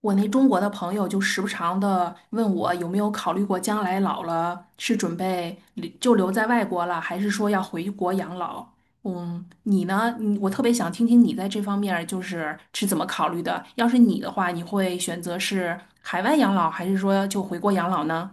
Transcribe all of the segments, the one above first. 我那中国的朋友时不常的问我有没有考虑过将来老了是准备留在外国了，还是说要回国养老？嗯，你呢？我特别想听听你在这方面儿是怎么考虑的。要是你的话，你会选择是海外养老，还是说就回国养老呢？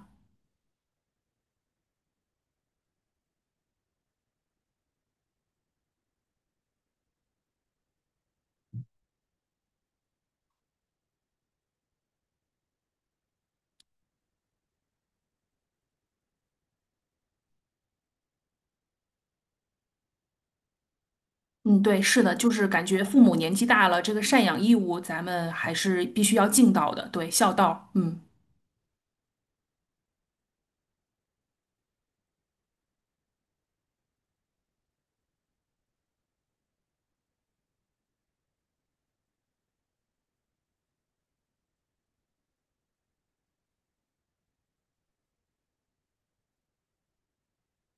嗯，对，是的，就是感觉父母年纪大了，这个赡养义务咱们还是必须要尽到的，对，孝道。嗯。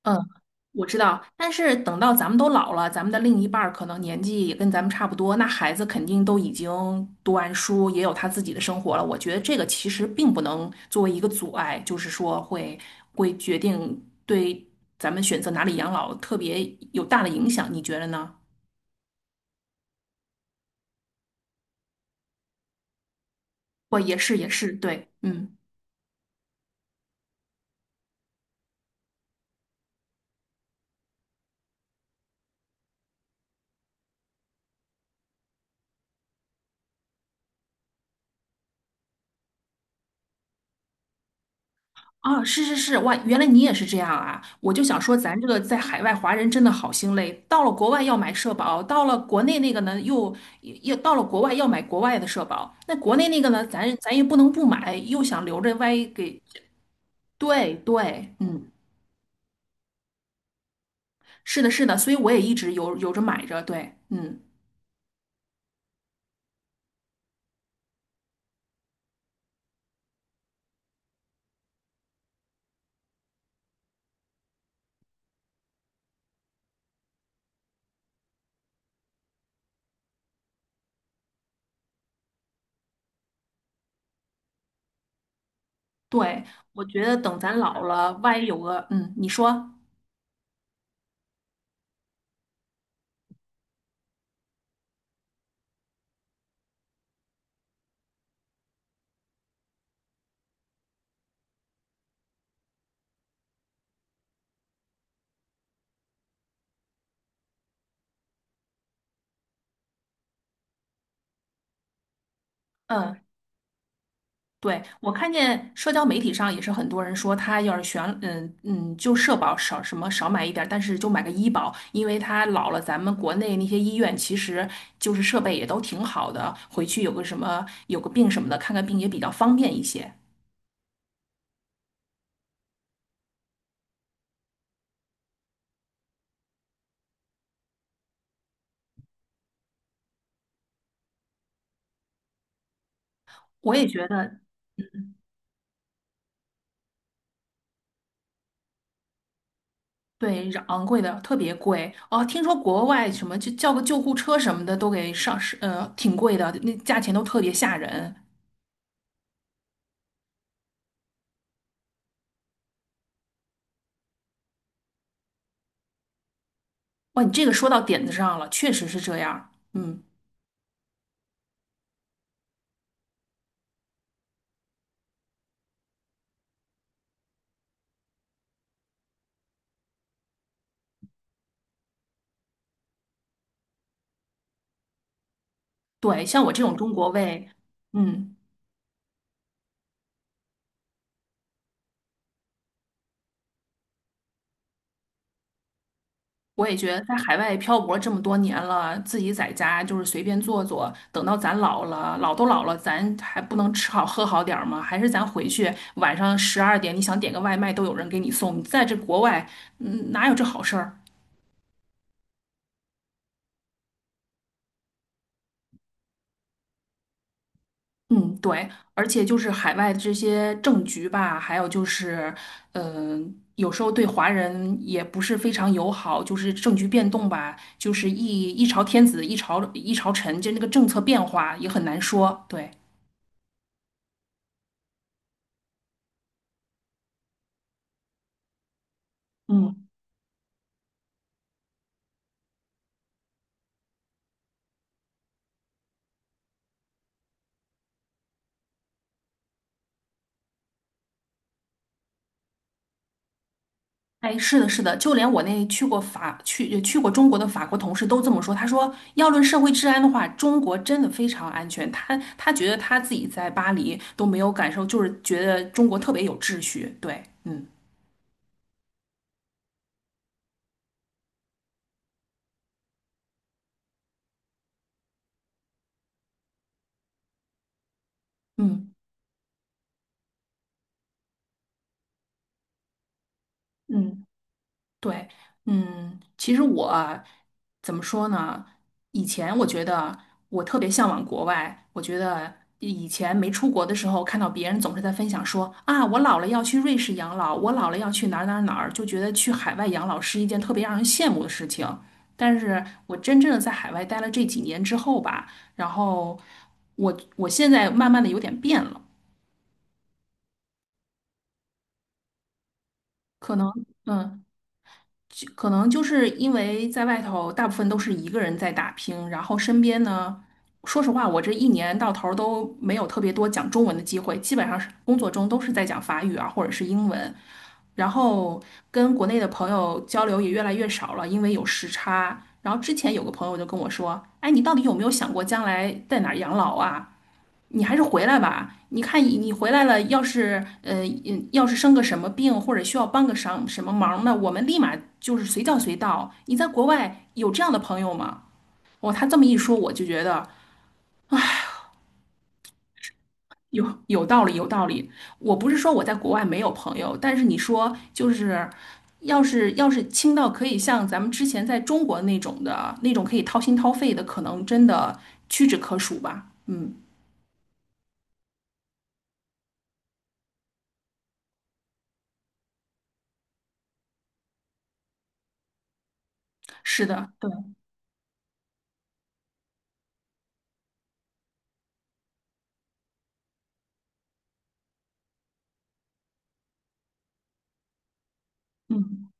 嗯，我知道，但是等到咱们都老了，咱们的另一半儿可能年纪也跟咱们差不多，那孩子肯定都已经读完书，也有他自己的生活了。我觉得这个其实并不能作为一个阻碍，就是说会决定对咱们选择哪里养老特别有大的影响，你觉得呢？我也是，也是，对，嗯。啊，是是是，哇，原来你也是这样啊！我就想说，咱这个在海外华人真的好心累，到了国外要买社保，到了国内那个呢又又也到了国外要买国外的社保，那国内那个呢，咱也不能不买，又想留着，万一给……对对，嗯，是的，是的，所以我也一直有着买着，对，嗯，对，我觉得等咱老了，万一有个……嗯，你说，嗯。对，我看见社交媒体上也是很多人说，他要是选，嗯嗯，就社保少什么少买一点儿，但是就买个医保，因为他老了，咱们国内那些医院其实就是设备也都挺好的，回去有个什么有个病什么的，看看病也比较方便一些。我也觉得，对，昂贵的特别贵哦。听说国外什么就叫个救护车什么的都给上是，挺贵的，那价钱都特别吓人。哇，你这个说到点子上了，确实是这样，嗯。对，像我这种中国胃，嗯，我也觉得在海外漂泊这么多年了，自己在家就是随便做做，等到咱老了，老都老了，咱还不能吃好喝好点儿吗？还是咱回去晚上十二点，你想点个外卖都有人给你送。你在这国外，嗯，哪有这好事儿？嗯，对，而且就是海外这些政局吧，还有就是，嗯、有时候对华人也不是非常友好，就是政局变动吧，就是一朝天子一朝臣，就那个政策变化也很难说。对，嗯，哎，是的，是的，就连我那去过中国的法国同事都这么说，他说要论社会治安的话，中国真的非常安全，他觉得他自己在巴黎都没有感受，就是觉得中国特别有秩序。对，嗯嗯。嗯，对，嗯，其实我啊怎么说呢？以前我觉得我特别向往国外，我觉得以前没出国的时候，看到别人总是在分享说啊，我老了要去瑞士养老，我老了要去哪儿哪儿哪儿，就觉得去海外养老是一件特别让人羡慕的事情。但是我真正的在海外待了这几年之后吧，然后我现在慢慢的有点变了，可能。嗯。可能就是因为在外头大部分都是一个人在打拼，然后身边呢，说实话，我这一年到头儿都没有特别多讲中文的机会，基本上是工作中都是在讲法语啊，或者是英文，然后跟国内的朋友交流也越来越少了，因为有时差。然后之前有个朋友就跟我说：“哎，你到底有没有想过将来在哪儿养老啊？”你还是回来吧。你看你回来了，要是要是生个什么病，或者需要帮个什么忙呢，我们立马就是随叫随到。你在国外有这样的朋友吗？哦，他这么一说，我就觉得有道理，有道理。我不是说我在国外没有朋友，但是你说就是。要是亲到可以像咱们之前在中国那种可以掏心掏肺的，可能真的屈指可数吧。嗯，是的，对，嗯。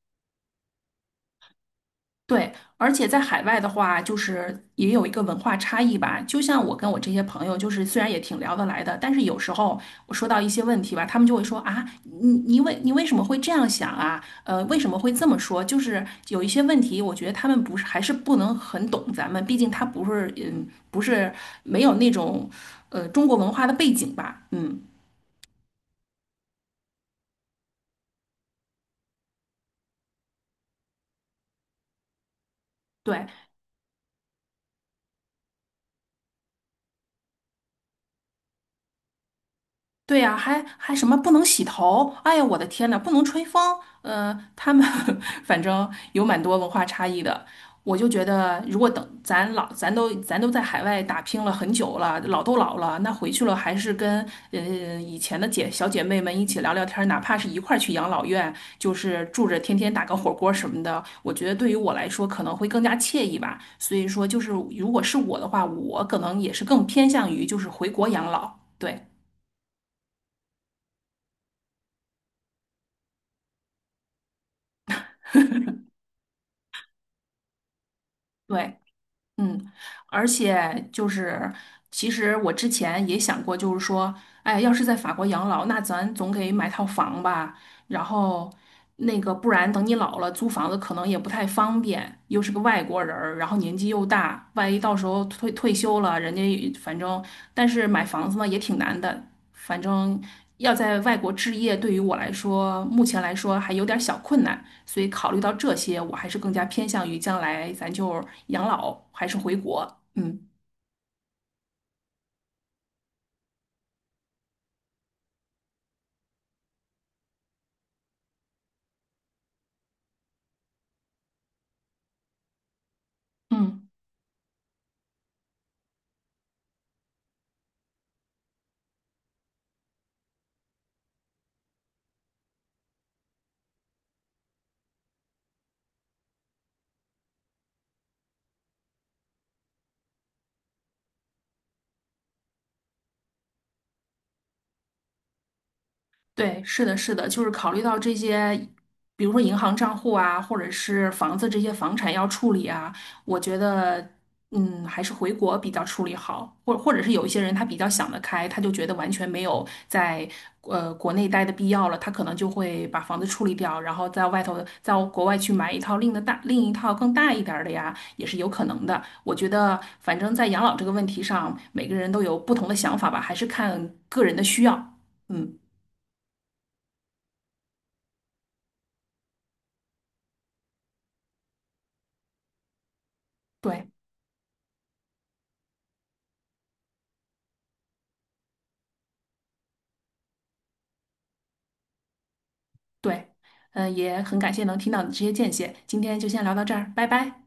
对，而且在海外的话，就是也有一个文化差异吧。就像我跟我这些朋友，就是虽然也挺聊得来的，但是有时候我说到一些问题吧，他们就会说啊，你为什么会这样想啊？呃，为什么会这么说？就是有一些问题，我觉得他们不是还是不能很懂咱们，毕竟他不是不是没有那种中国文化的背景吧，嗯。对，对呀，还什么不能洗头？哎呀，我的天呐，不能吹风。嗯，他们 反正有蛮多文化差异的。我就觉得，如果等咱都在海外打拼了很久了，老都老了，那回去了还是跟嗯以前的小姐妹们一起聊聊天儿，哪怕是一块儿去养老院，就是住着天天打个火锅什么的，我觉得对于我来说可能会更加惬意吧。所以说，就是如果是我的话，我可能也是更偏向于就是回国养老。对对。嗯，而且就是，其实我之前也想过，就是说，哎，要是在法国养老，那咱总得买套房吧。然后，那个不然等你老了租房子可能也不太方便，又是个外国人儿，然后年纪又大，万一到时候退休了，人家也反正，但是买房子呢也挺难的，反正要在外国置业，对于我来说，目前来说还有点小困难，所以考虑到这些，我还是更加偏向于将来咱就养老还是回国，嗯嗯。对，是的，是的，就是考虑到这些，比如说银行账户啊，或者是房子这些房产要处理啊，我觉得，嗯，还是回国比较处理好，或者是有一些人他比较想得开，他就觉得完全没有在国内待的必要了，他可能就会把房子处理掉，然后在国外去买一套另一套更大一点儿的呀，也是有可能的。我觉得，反正在养老这个问题上，每个人都有不同的想法吧，还是看个人的需要，嗯。对。对，嗯、也很感谢能听到你这些见解，今天就先聊到这儿，拜拜。